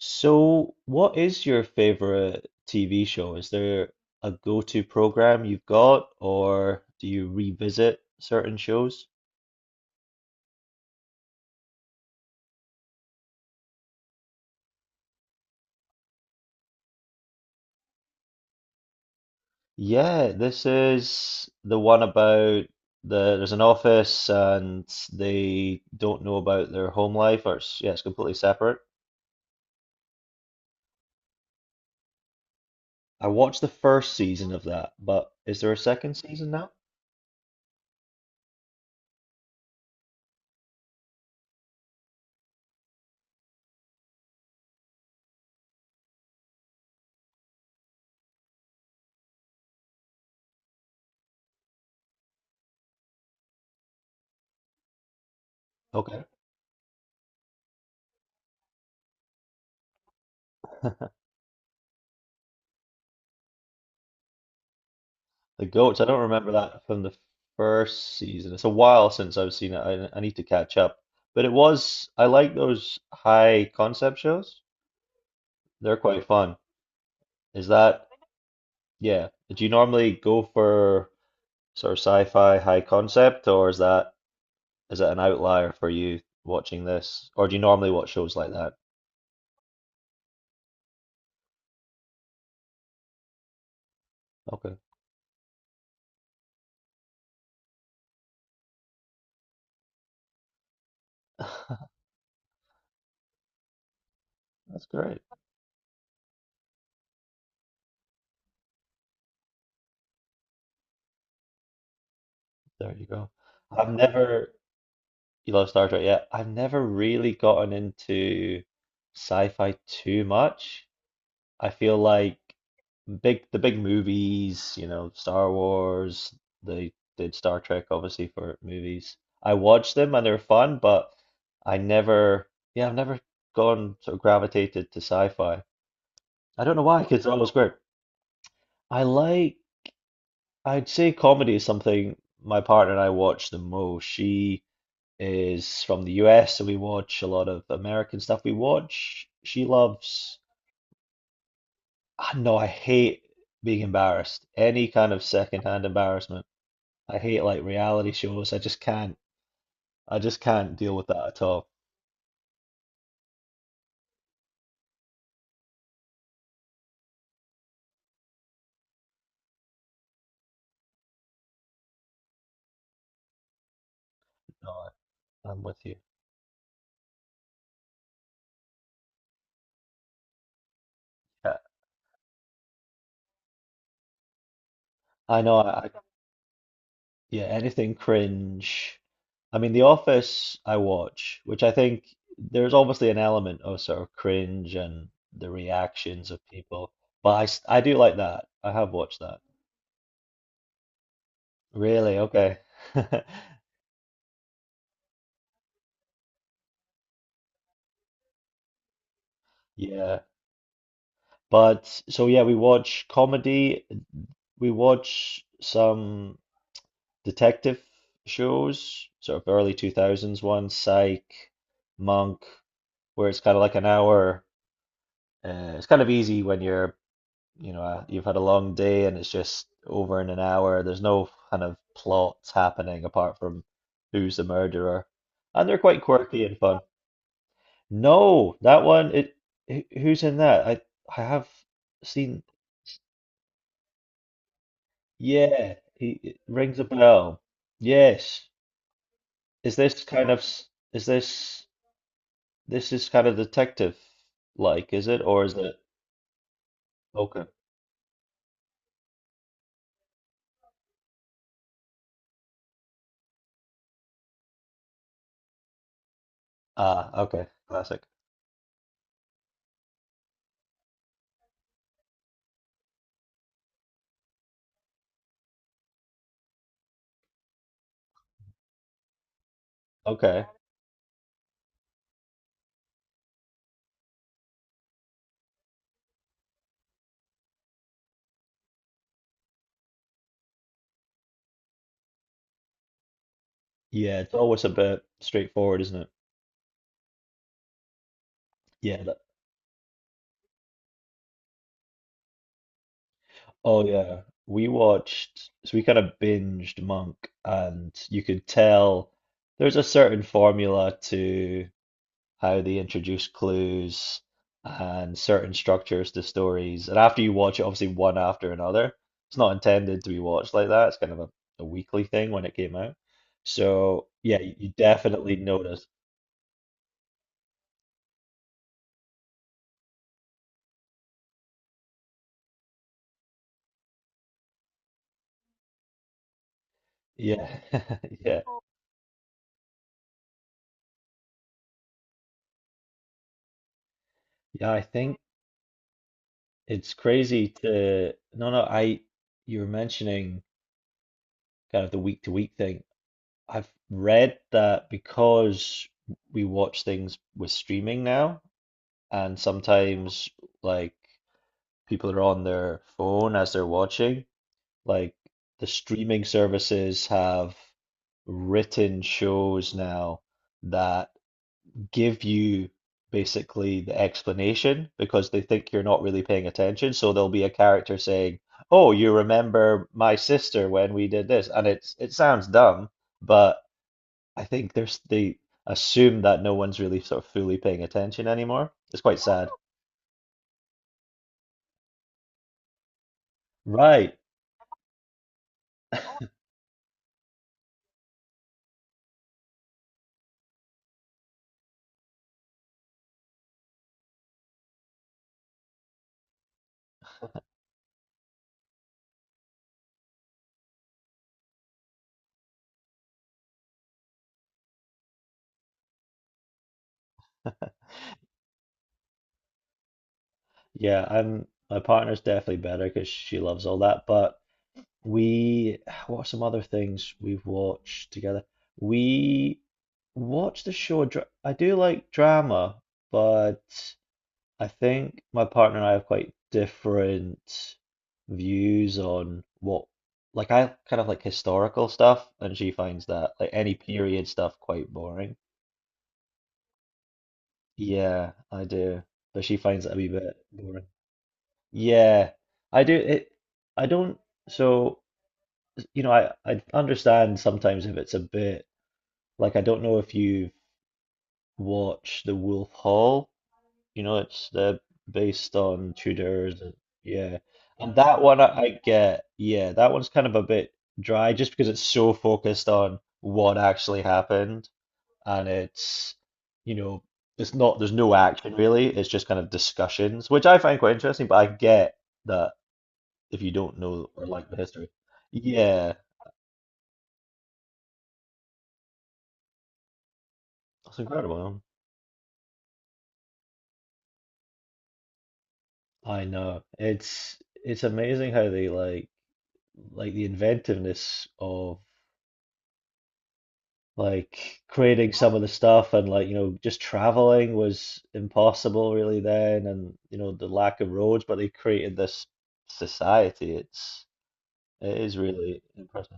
So, what is your favorite TV show? Is there a go-to program you've got, or do you revisit certain shows? Yeah, this is the one about there's an office, and they don't know about their home life, or it's, yeah, it's completely separate. I watched the first season of that, but is there a second season now? Okay. The goats, I don't remember that from the first season. It's a while since I've seen it. I need to catch up. But it was, I like those high concept shows. They're quite fun. Is that, yeah. Do you normally go for sort of sci-fi high concept, or is it an outlier for you watching this? Or do you normally watch shows like that? Okay. That's great. There you go. I've never, you love Star Trek, yeah. I've never really gotten into sci-fi too much. I feel like big the big movies, you know, Star Wars, they did Star Trek obviously for movies. I watched them and they're fun, but I never, yeah, I've never gone sort of gravitated to sci-fi. I don't know why, 'cause it's always great. I like, I'd say comedy is something my partner and I watch the most. She is from the US, so we watch a lot of American stuff. We watch, she loves. Ah, no, I hate being embarrassed. Any kind of secondhand embarrassment. I hate like reality shows. I just can't. I just can't deal with that at all. No, I'm with you. Yeah, I know. I yeah, anything cringe. I mean, The Office I watch, which I think there's obviously an element of sort of cringe and the reactions of people, but I do like that. I have watched that. Really? Okay. Yeah. But so yeah, we watch comedy. We watch some detective shows, sort of early 2000s one, Psych, Monk, where it's kind of like an hour. It's kind of easy when you're, you know, you've had a long day, and it's just over in an hour. There's no kind of plots happening apart from who's the murderer. And they're quite quirky and fun. No, that one, who's in that? I have seen, yeah, it rings a bell. Yes. Is this kind of s- is this this is kind of detective, like, is it or is it okay? Ah, okay. Classic. Okay. Yeah, it's always a bit straightforward, isn't it? Yeah. Oh, yeah. We watched so we kind of binged Monk, and you could tell there's a certain formula to how they introduce clues and certain structures to stories. And after you watch it, obviously one after another, it's not intended to be watched like that. It's kind of a weekly thing when it came out. So yeah, you definitely notice. Yeah, yeah, yeah. I think it's crazy to. No, no. I you were mentioning kind of the week to week thing. I've read that because we watch things with streaming now, and sometimes, like, people are on their phone as they're watching. Like, the streaming services have written shows now that give you basically the explanation because they think you're not really paying attention. So there'll be a character saying, "Oh, you remember my sister when we did this," and it sounds dumb, but I think there's they assume that no one's really sort of fully paying attention anymore. It's quite sad. Right. Yeah, I'm my partner's definitely better because she loves all that. But we, what are some other things we've watched together? We watched the show. I do like drama, but I think my partner and I have quite different views on what, like, I kind of like historical stuff, and she finds that like any period stuff quite boring. Yeah, I do, but she finds it a wee bit boring. Yeah, I do it. I don't. So, you know, I understand sometimes if it's a bit like, I don't know if you've watched The Wolf Hall. You know, it's the based on Tudors. Yeah, and that one I get. Yeah, that one's kind of a bit dry just because it's so focused on what actually happened, and it's, you know, it's not. There's no action really. It's just kind of discussions, which I find quite interesting. But I get that if you don't know like the history. Yeah, it's incredible. I know. It's amazing how they, like the inventiveness of, like, creating some of the stuff, and, like, you know, just traveling was impossible really then, and, you know, the lack of roads, but they created this society. It is really impressive.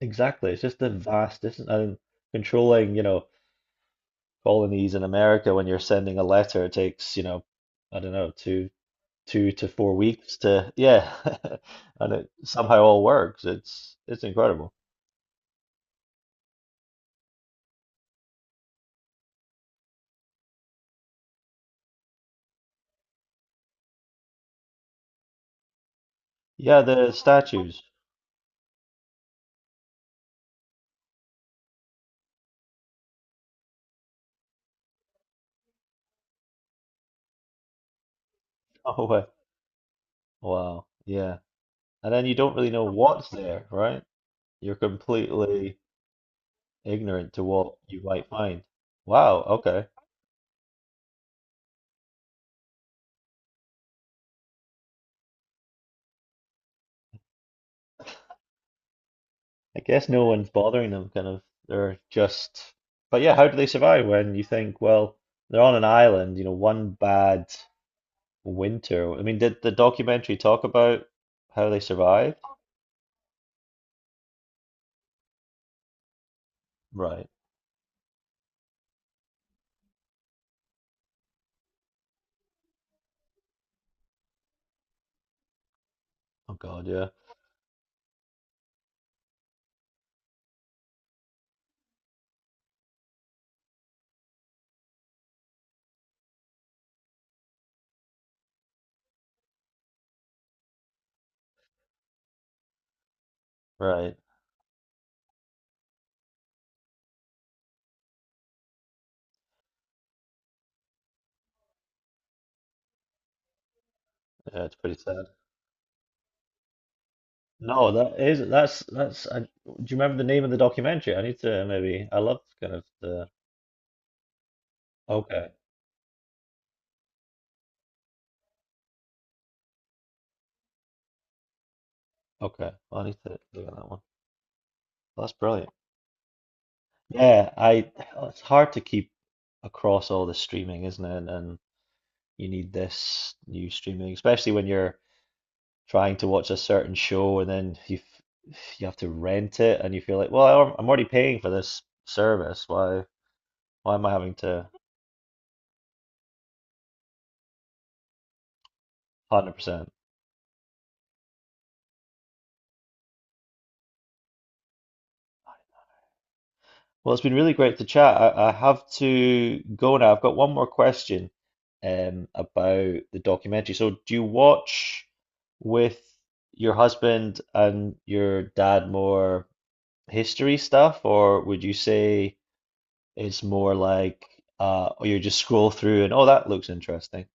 Exactly. It's just the vast distance and controlling, you know, colonies in America when you're sending a letter, it takes, you know, I don't know, 2 to 4 weeks to yeah. And it somehow all works. It's incredible. Yeah, the statues. Oh, wow. Yeah. And then you don't really know what's there, right? You're completely ignorant to what you might find. Wow. Okay. I guess no one's bothering them, kind of. They're just, but yeah, how do they survive when you think, well, they're on an island, you know, one bad winter. I mean, did the documentary talk about how they survived? Right. Oh God, yeah. Right. Yeah, it's pretty sad. No, that is that's that's. Do you remember the name of the documentary? I need to maybe. I love kind of the. Okay, okay. I need to look at that one. That's brilliant. Yeah, I. Oh, it's hard to keep across all the streaming, isn't it? And you need this new streaming, especially when you're trying to watch a certain show, and then you have to rent it, and you feel like, well, I'm already paying for this service. Why am I having to 100%? Well, it's been really great to chat. I have to go now. I've got one more question, about the documentary. So, do you watch with your husband and your dad more history stuff, or would you say it's more like, or you just scroll through and, oh, that looks interesting?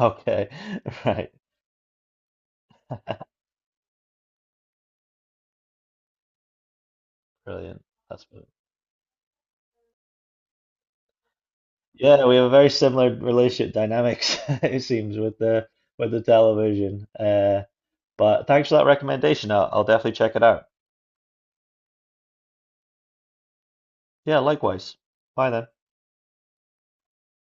Okay, right, brilliant. That's brilliant. Yeah, we have a very similar relationship dynamics, it seems, with the television. But thanks for that recommendation. I'll definitely check it out. Yeah, likewise. Bye then.